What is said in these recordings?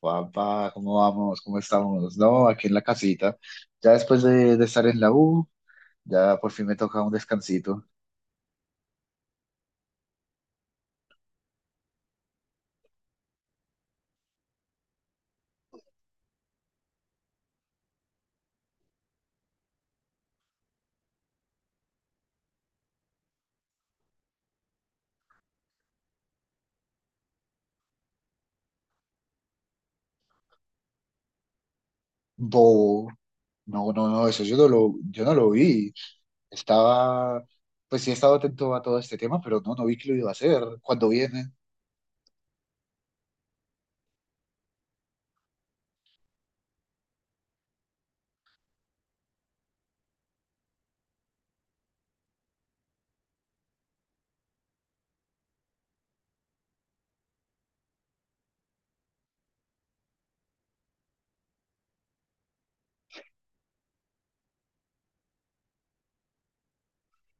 Papá, ¿cómo vamos? ¿Cómo estamos? No, aquí en la casita. Ya después de estar en la U, ya por fin me toca un descansito. Bobo. No, no, no, eso yo no lo vi. Estaba, pues sí he estado atento a todo este tema, pero no, no vi que lo iba a hacer. ¿Cuándo viene?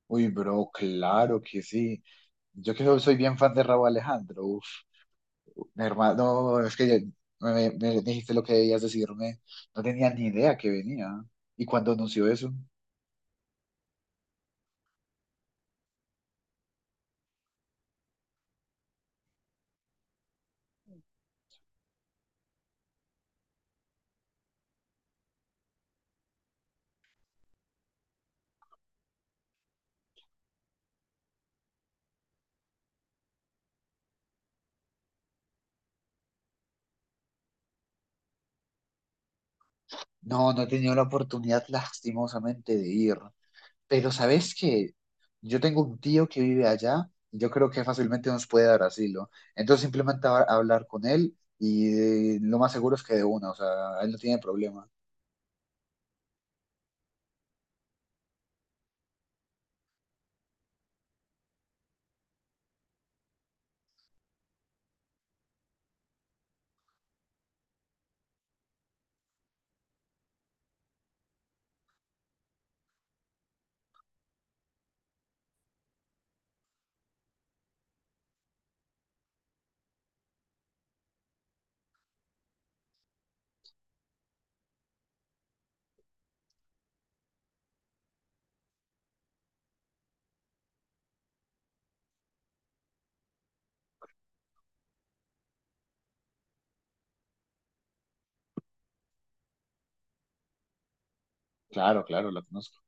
Uy, bro, claro que sí. Yo que soy bien fan de Raúl Alejandro. Uf, mi hermano, no, es que me dijiste lo que debías decirme. No tenía ni idea que venía. ¿Y cuándo anunció eso? No, no he tenido la oportunidad lastimosamente de ir, pero sabes que yo tengo un tío que vive allá, y yo creo que fácilmente nos puede dar asilo. Entonces simplemente a hablar con él y lo más seguro es que de una, o sea, él no tiene problema. Claro, claro, lo conozco.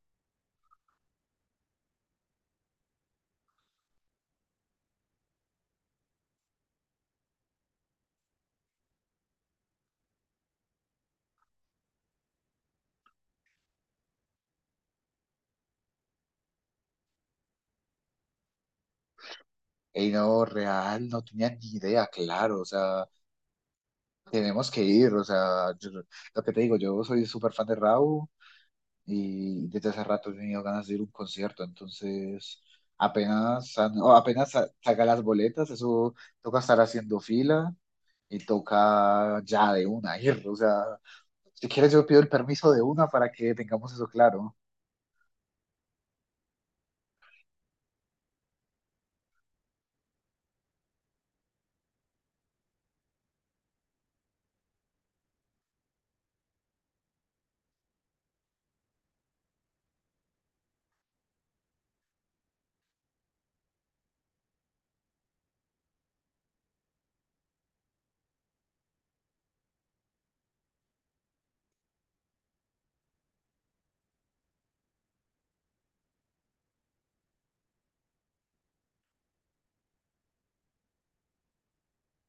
Y no, real, no tenía ni idea, claro, o sea, tenemos que ir, o sea, lo que te digo, yo soy súper fan de Raúl y desde hace rato he tenido ganas de ir a un concierto, entonces apenas, san- o apenas sa- saca las boletas, eso toca estar haciendo fila y toca ya de una ir, o sea, si quieres yo pido el permiso de una para que tengamos eso claro.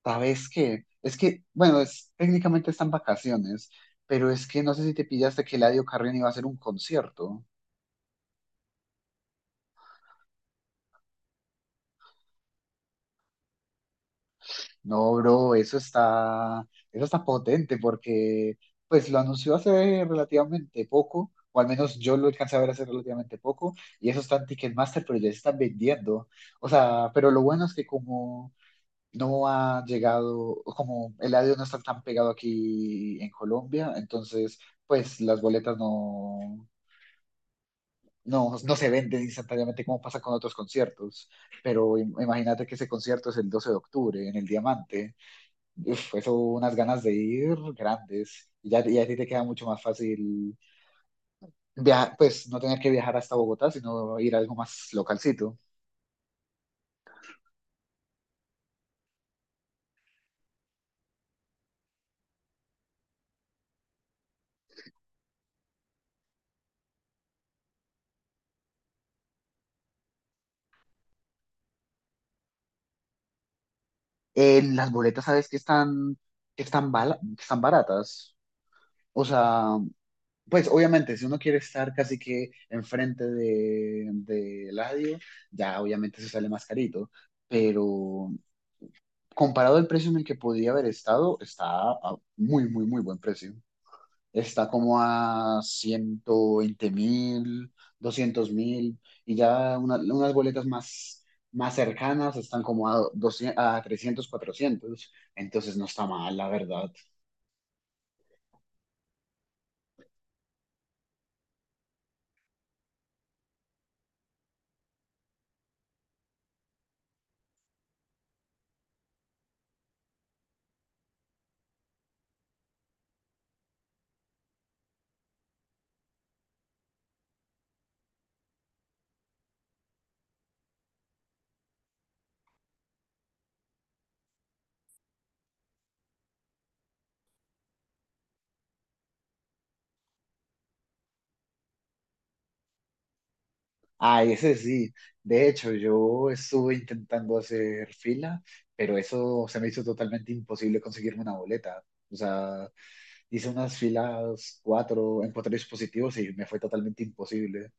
¿Sabes qué? Es que, bueno, es, técnicamente están vacaciones, pero es que no sé si te pillaste que Eladio Carrión iba a hacer un concierto. No, bro, eso está potente porque pues lo anunció hace relativamente poco, o al menos yo lo alcancé a ver hace relativamente poco, y eso está en Ticketmaster, pero ya se están vendiendo. O sea, pero lo bueno es que como no ha llegado, como el audio no está tan pegado aquí en Colombia, entonces pues las boletas no, no, no se venden instantáneamente como pasa con otros conciertos. Pero imagínate que ese concierto es el 12 de octubre en el Diamante. Uf, eso, unas ganas de ir grandes. Y ya, y a ti te queda mucho más fácil viajar, pues no tener que viajar hasta Bogotá, sino ir a algo más localcito. En las boletas, ¿sabes que están baratas? O sea, pues obviamente, si uno quiere estar casi que enfrente de Eladio, ya obviamente se sale más carito. Pero comparado al precio en el que podía haber estado, está a muy, muy, muy buen precio. Está como a 120.000, 200.000, y ya unas boletas más, más cercanas están como a, 200 a 300 400 entonces no está mal, la verdad. Ah, ese sí, de hecho yo estuve intentando hacer fila, pero eso se me hizo totalmente imposible conseguirme una boleta. O sea, hice unas filas cuatro en cuatro dispositivos y me fue totalmente imposible.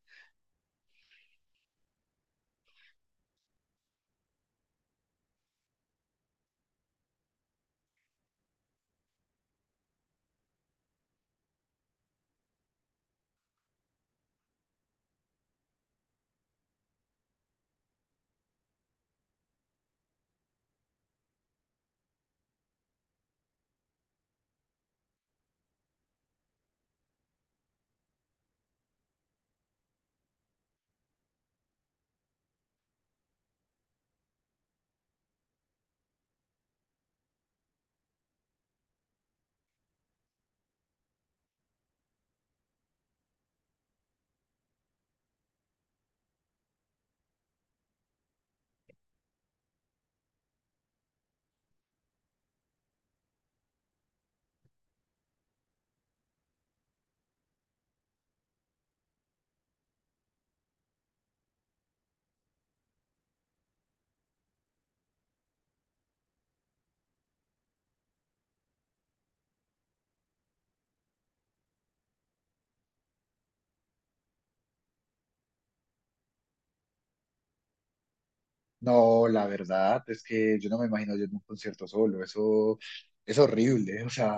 No, la verdad es que yo no me imagino yo en un concierto solo, eso es horrible, o sea,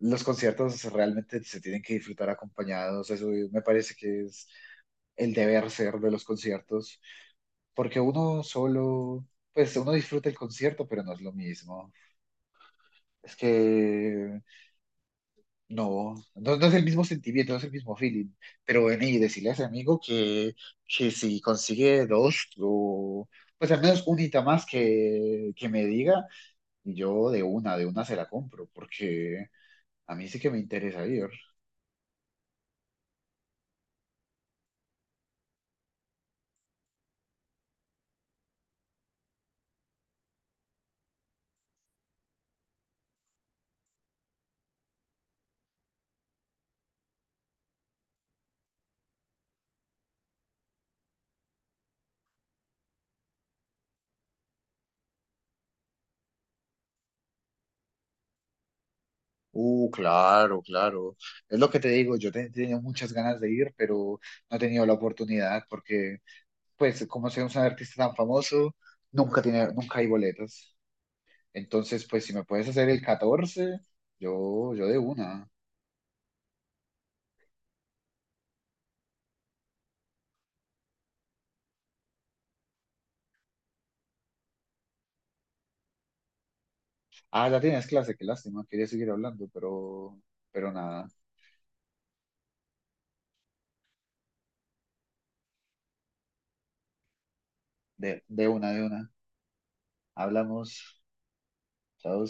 los conciertos realmente se tienen que disfrutar acompañados, eso me parece que es el deber ser de los conciertos, porque uno solo, pues uno disfruta el concierto, pero no es lo mismo, es que no, no, no es el mismo sentimiento, no es el mismo feeling, pero ven y decirle a ese amigo que si consigue dos o... Pues al menos un unita más que me diga, y yo de una se la compro, porque a mí sí que me interesa ir. Claro, claro. Es lo que te digo, yo tenía muchas ganas de ir, pero no he tenido la oportunidad, porque, pues, como soy un artista tan famoso, nunca hay boletas. Entonces, pues, si me puedes hacer el 14 yo, yo de una. Ah, ya tienes clase, qué lástima, quería seguir hablando, pero nada, de una, de una. Hablamos, chao.